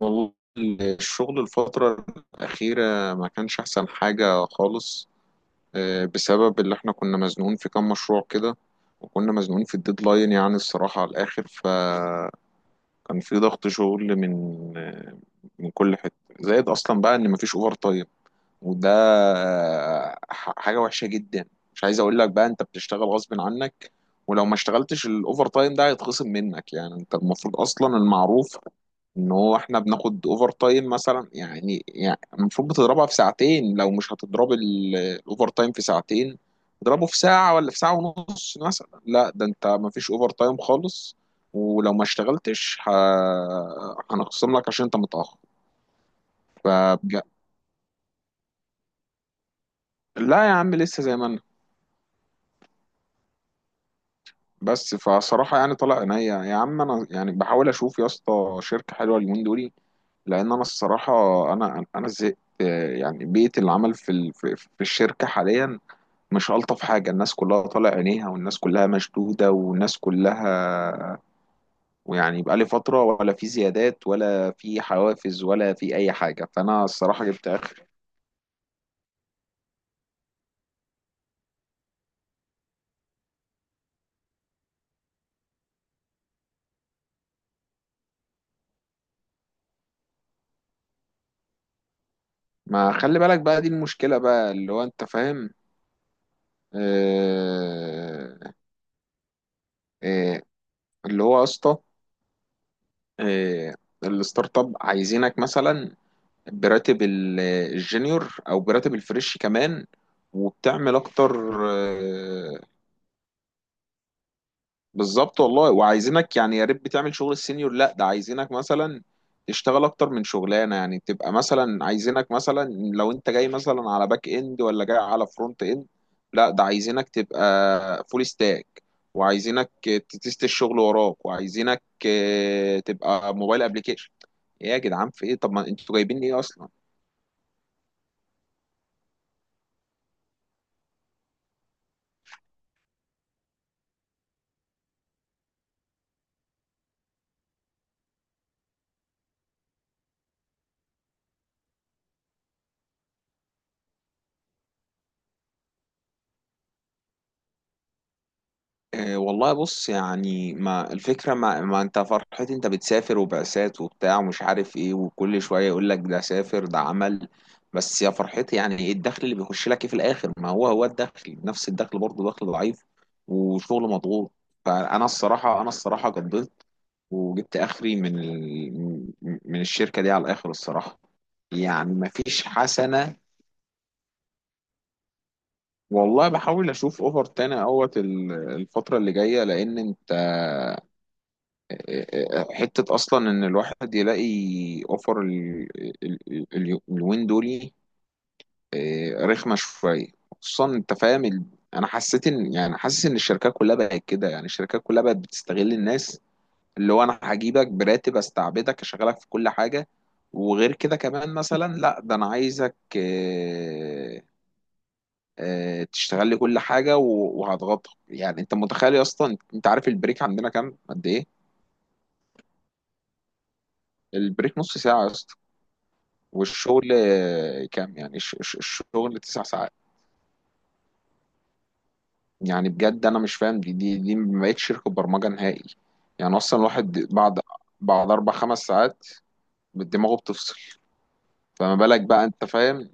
والله الشغل الفترة الأخيرة ما كانش أحسن حاجة خالص. بسبب اللي احنا كنا مزنوقين في كام مشروع كده، وكنا مزنوقين في الديدلاين، يعني الصراحة على الآخر. فكان في ضغط شغل من آه، من كل حتة، زائد أصلا بقى إن مفيش أوفر تايم. وده حاجة وحشة جدا. مش عايز أقول لك بقى أنت بتشتغل غصب عنك، ولو ما اشتغلتش الأوفر تايم ده هيتخصم منك. يعني أنت المفروض أصلا، المعروف ان هو احنا بناخد اوفر تايم مثلا، يعني يعني المفروض بتضربها في ساعتين، لو مش هتضرب الاوفر تايم في ساعتين اضربه في ساعة ولا في ساعة ونص مثلا. لا ده انت مفيش اوفر تايم خالص، ولو ما اشتغلتش هنخصم لك عشان انت متأخر. فبج... لا يا عم، لسه زي ما انا. بس فصراحة يعني طلع عينيا يا عم، انا يعني بحاول اشوف يا اسطى شركة حلوة اليومين دول، لان انا الصراحة انا زهقت. يعني بيئة العمل في في الشركة حاليا مش ألطف حاجة. الناس كلها طالع عينيها، والناس كلها مشدودة، والناس كلها، ويعني بقالي فترة ولا في زيادات ولا في حوافز ولا في أي حاجة، فأنا الصراحة جبت آخر. ما خلي بالك بقى، دي المشكلة بقى اللي هو أنت فاهم. آه. آه. اللي هو يا اسطى، آه، الستارت اب عايزينك مثلا براتب الجونيور أو براتب الفريش كمان، وبتعمل أكتر. آه، بالظبط والله. وعايزينك يعني يا ريت بتعمل شغل السينيور، لا ده عايزينك مثلا تشتغل اكتر من شغلانه. يعني تبقى مثلا، عايزينك مثلا لو انت جاي مثلا على باك اند ولا جاي على فرونت اند، لا ده عايزينك تبقى فول ستاك، وعايزينك تتست الشغل وراك، وعايزينك تبقى موبايل ابلكيشن. ايه يا جدعان في ايه؟ طب ما انتوا جايبين ايه اصلا؟ إيه والله، بص يعني ما الفكرة، ما انت فرحتي انت بتسافر وبعثات وبتاع ومش عارف ايه، وكل شوية يقول لك ده سافر ده عمل. بس يا فرحتي يعني ايه الدخل اللي بيخش لك ايه في الاخر؟ ما هو هو الدخل نفس الدخل برضه، دخل ضعيف وشغل مضغوط. فانا الصراحة، انا الصراحة قضيت وجبت اخري من من الشركة دي على الاخر الصراحة، يعني ما فيش حسنة. والله بحاول اشوف اوفر تاني اهوت الفترة اللي جاية، لان انت حتة أصلا إن الواحد يلاقي أوفر ال- اليومين دول رخمة شوية. خصوصا أنت فاهم أنا حسيت إن، يعني حاسس إن الشركات كلها بقت كده. يعني الشركات كلها بقت بتستغل الناس، اللي هو أنا هجيبك براتب أستعبدك أشغلك في كل حاجة، وغير كده كمان مثلا، لا ده أنا عايزك، تشتغل لي كل حاجة وهضغطك. يعني أنت متخيل أصلا، أنت عارف البريك عندنا كام قد إيه؟ البريك نص ساعة، والشغل كام؟ يعني الشغل تسع ساعات. يعني بجد انا مش فاهم، دي ما بقتش شركه برمجه نهائي. يعني اصلا الواحد بعد، بعد اربع خمس ساعات دماغه بتفصل. فما بالك بقى، انت فاهم.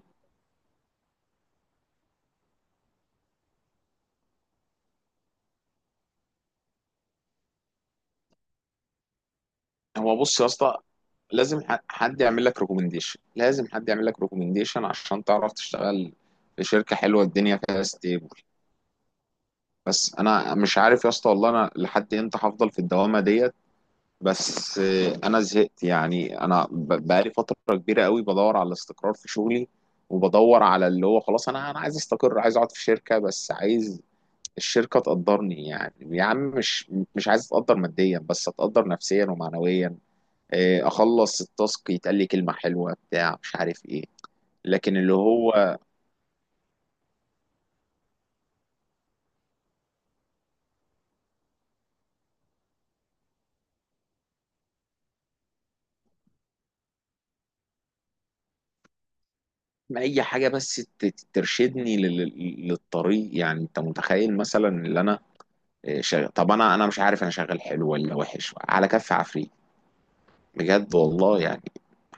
هو بص يا اسطى، لازم حد يعمل لك ريكومنديشن، لازم حد يعمل لك ريكومنديشن عشان تعرف تشتغل في شركه حلوه الدنيا فيها ستيبل. بس انا مش عارف يا اسطى والله، انا لحد امتى هفضل في الدوامه ديت. بس انا زهقت. يعني انا بقالي فتره كبيره قوي بدور على الاستقرار في شغلي، وبدور على اللي هو خلاص، انا عايز استقر، عايز اقعد في شركه، بس عايز الشركه تقدرني. يعني يا عم مش، مش عايز اتقدر ماديا بس، اتقدر نفسيا ومعنويا. اخلص التاسك يتقال لي كلمه حلوه بتاع مش عارف ايه. لكن اللي هو اي حاجه بس ترشدني للطريق. يعني انت متخيل مثلا اللي انا شغال؟ طب انا مش عارف انا شغال حلو ولا وحش على كف عفريت، بجد والله يعني.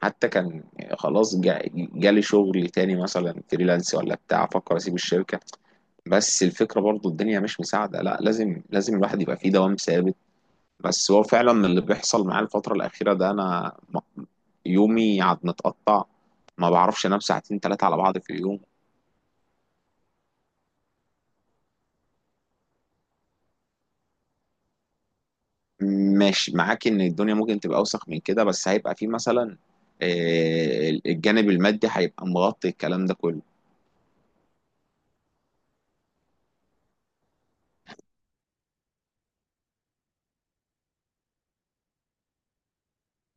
حتى كان خلاص، جالي شغل تاني مثلا فريلانس ولا بتاع، افكر اسيب الشركه، بس الفكره برضو الدنيا مش مساعده. لا لازم، لازم الواحد يبقى فيه دوام ثابت. بس هو فعلا اللي بيحصل معايا الفتره الاخيره ده، انا يومي عاد متقطع، ما بعرفش انام ساعتين ثلاثه على بعض في اليوم. ماشي معاك ان الدنيا ممكن تبقى اوسخ من كده، بس هيبقى فيه مثلا الجانب المادي هيبقى مغطي الكلام ده كله.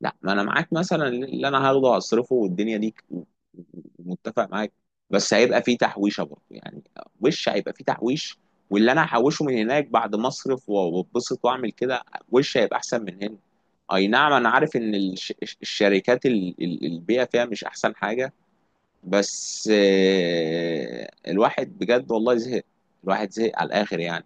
لا ما انا معاك، مثلا اللي انا هاخده هصرفه والدنيا دي، متفق معاك، بس هيبقى فيه تحويشه برضه يعني. وش هيبقى فيه تحويش، واللي انا هحوشه من هناك بعد ما اصرف واتبسط واعمل كده وش هيبقى احسن من هنا. اي نعم انا عارف ان الشركات، البيئه فيها مش احسن حاجه، بس الواحد بجد والله زهق، الواحد زهق على الاخر يعني.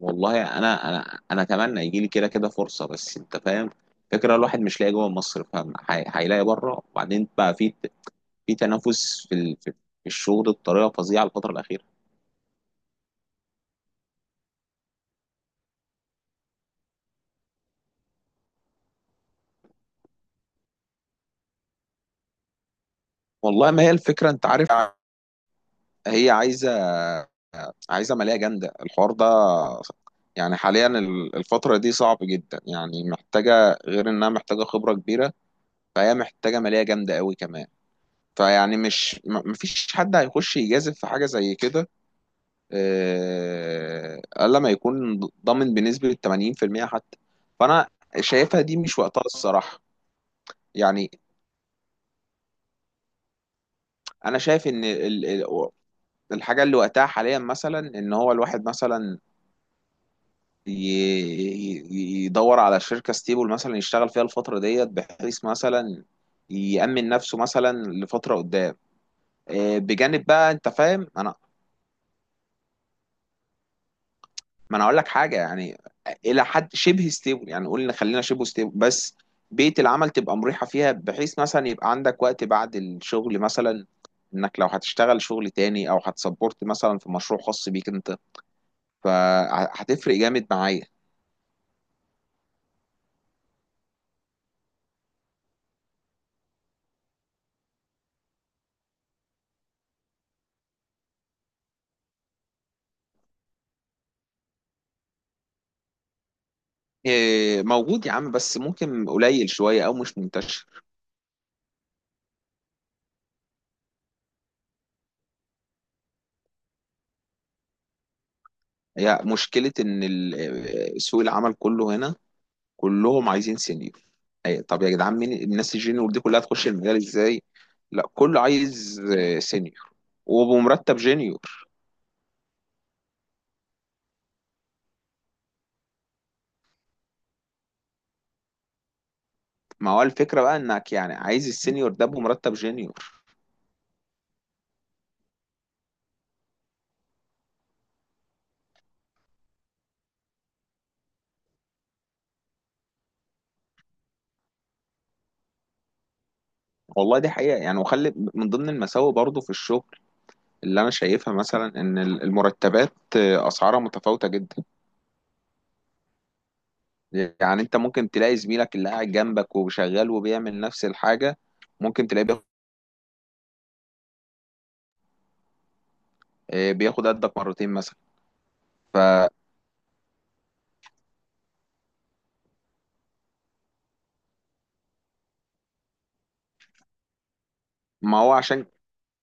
والله انا اتمنى يجي لي كده كده فرصه، بس انت فاهم فكره الواحد مش لاقي جوه مصر فاهم، هيلاقي بره. وبعدين بقى في، في تنافس في في الشغل بطريقه فظيعه الفتره الاخيره. والله ما هي الفكره انت عارف، هي عايزه، عايزه ماليه جامده الحوار ده. يعني حاليا الفتره دي صعب جدا، يعني محتاجه، غير انها محتاجه خبره كبيره، فهي محتاجه ماليه جامده قوي كمان. فيعني مش مفيش حد هيخش يجازف في حاجه زي كده. قال لما يكون ضامن بنسبة 80% حتى. فأنا شايفها دي مش وقتها الصراحة. يعني أنا شايف إن الحاجة اللي وقتها حاليا مثلا إن هو الواحد مثلا يدور على شركة ستيبل مثلا يشتغل فيها الفترة ديت، بحيث مثلا يأمن نفسه مثلا لفترة قدام. بجانب بقى أنت فاهم أنا، ما انا اقول لك حاجه يعني، الى حد شبه ستيبل. يعني قلنا خلينا شبه ستيبل، بس بيئه العمل تبقى مريحه فيها، بحيث مثلا يبقى عندك وقت بعد الشغل مثلا، انك لو هتشتغل شغل تاني او هتسبورت مثلا في مشروع خاص بيك انت، فهتفرق جامد معايا. إيه، موجود يا عم، بس ممكن قليل شويه او مش منتشر. هي مشكله ان سوق العمل كله هنا كلهم عايزين سينيور. طب يا جدعان مين الناس الجينيور دي كلها تخش المجال ازاي؟ لا كله عايز سينيور، وبمرتب جينيور. ما هو الفكرة بقى انك يعني عايز السينيور ده بمرتب جينيور. والله دي حقيقة يعني. وخلي من ضمن المساوئ برضو في الشغل اللي انا شايفها مثلا، ان المرتبات اسعارها متفاوتة جدا. يعني انت ممكن تلاقي زميلك اللي قاعد جنبك وشغال وبيعمل نفس الحاجة، ممكن تلاقيه بياخد بياخد قدك مرتين مثلا. فما هو، عشان،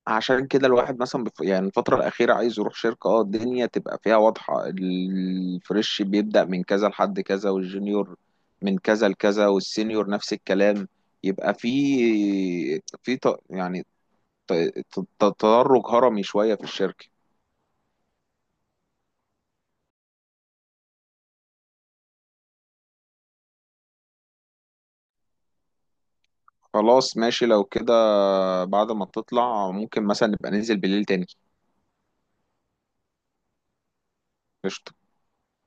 عشان كده الواحد مثلا يعني الفترة الأخيرة عايز يروح شركة، اه الدنيا تبقى فيها واضحة، الفريش بيبدأ من كذا لحد كذا، والجونيور من كذا لكذا، والسينيور نفس الكلام. يبقى في، في ط... يعني ت... ت- تدرج هرمي شوية في الشركة. خلاص ماشي لو كده، بعد ما تطلع ممكن مثلا نبقى ننزل بالليل تاني. قشطة.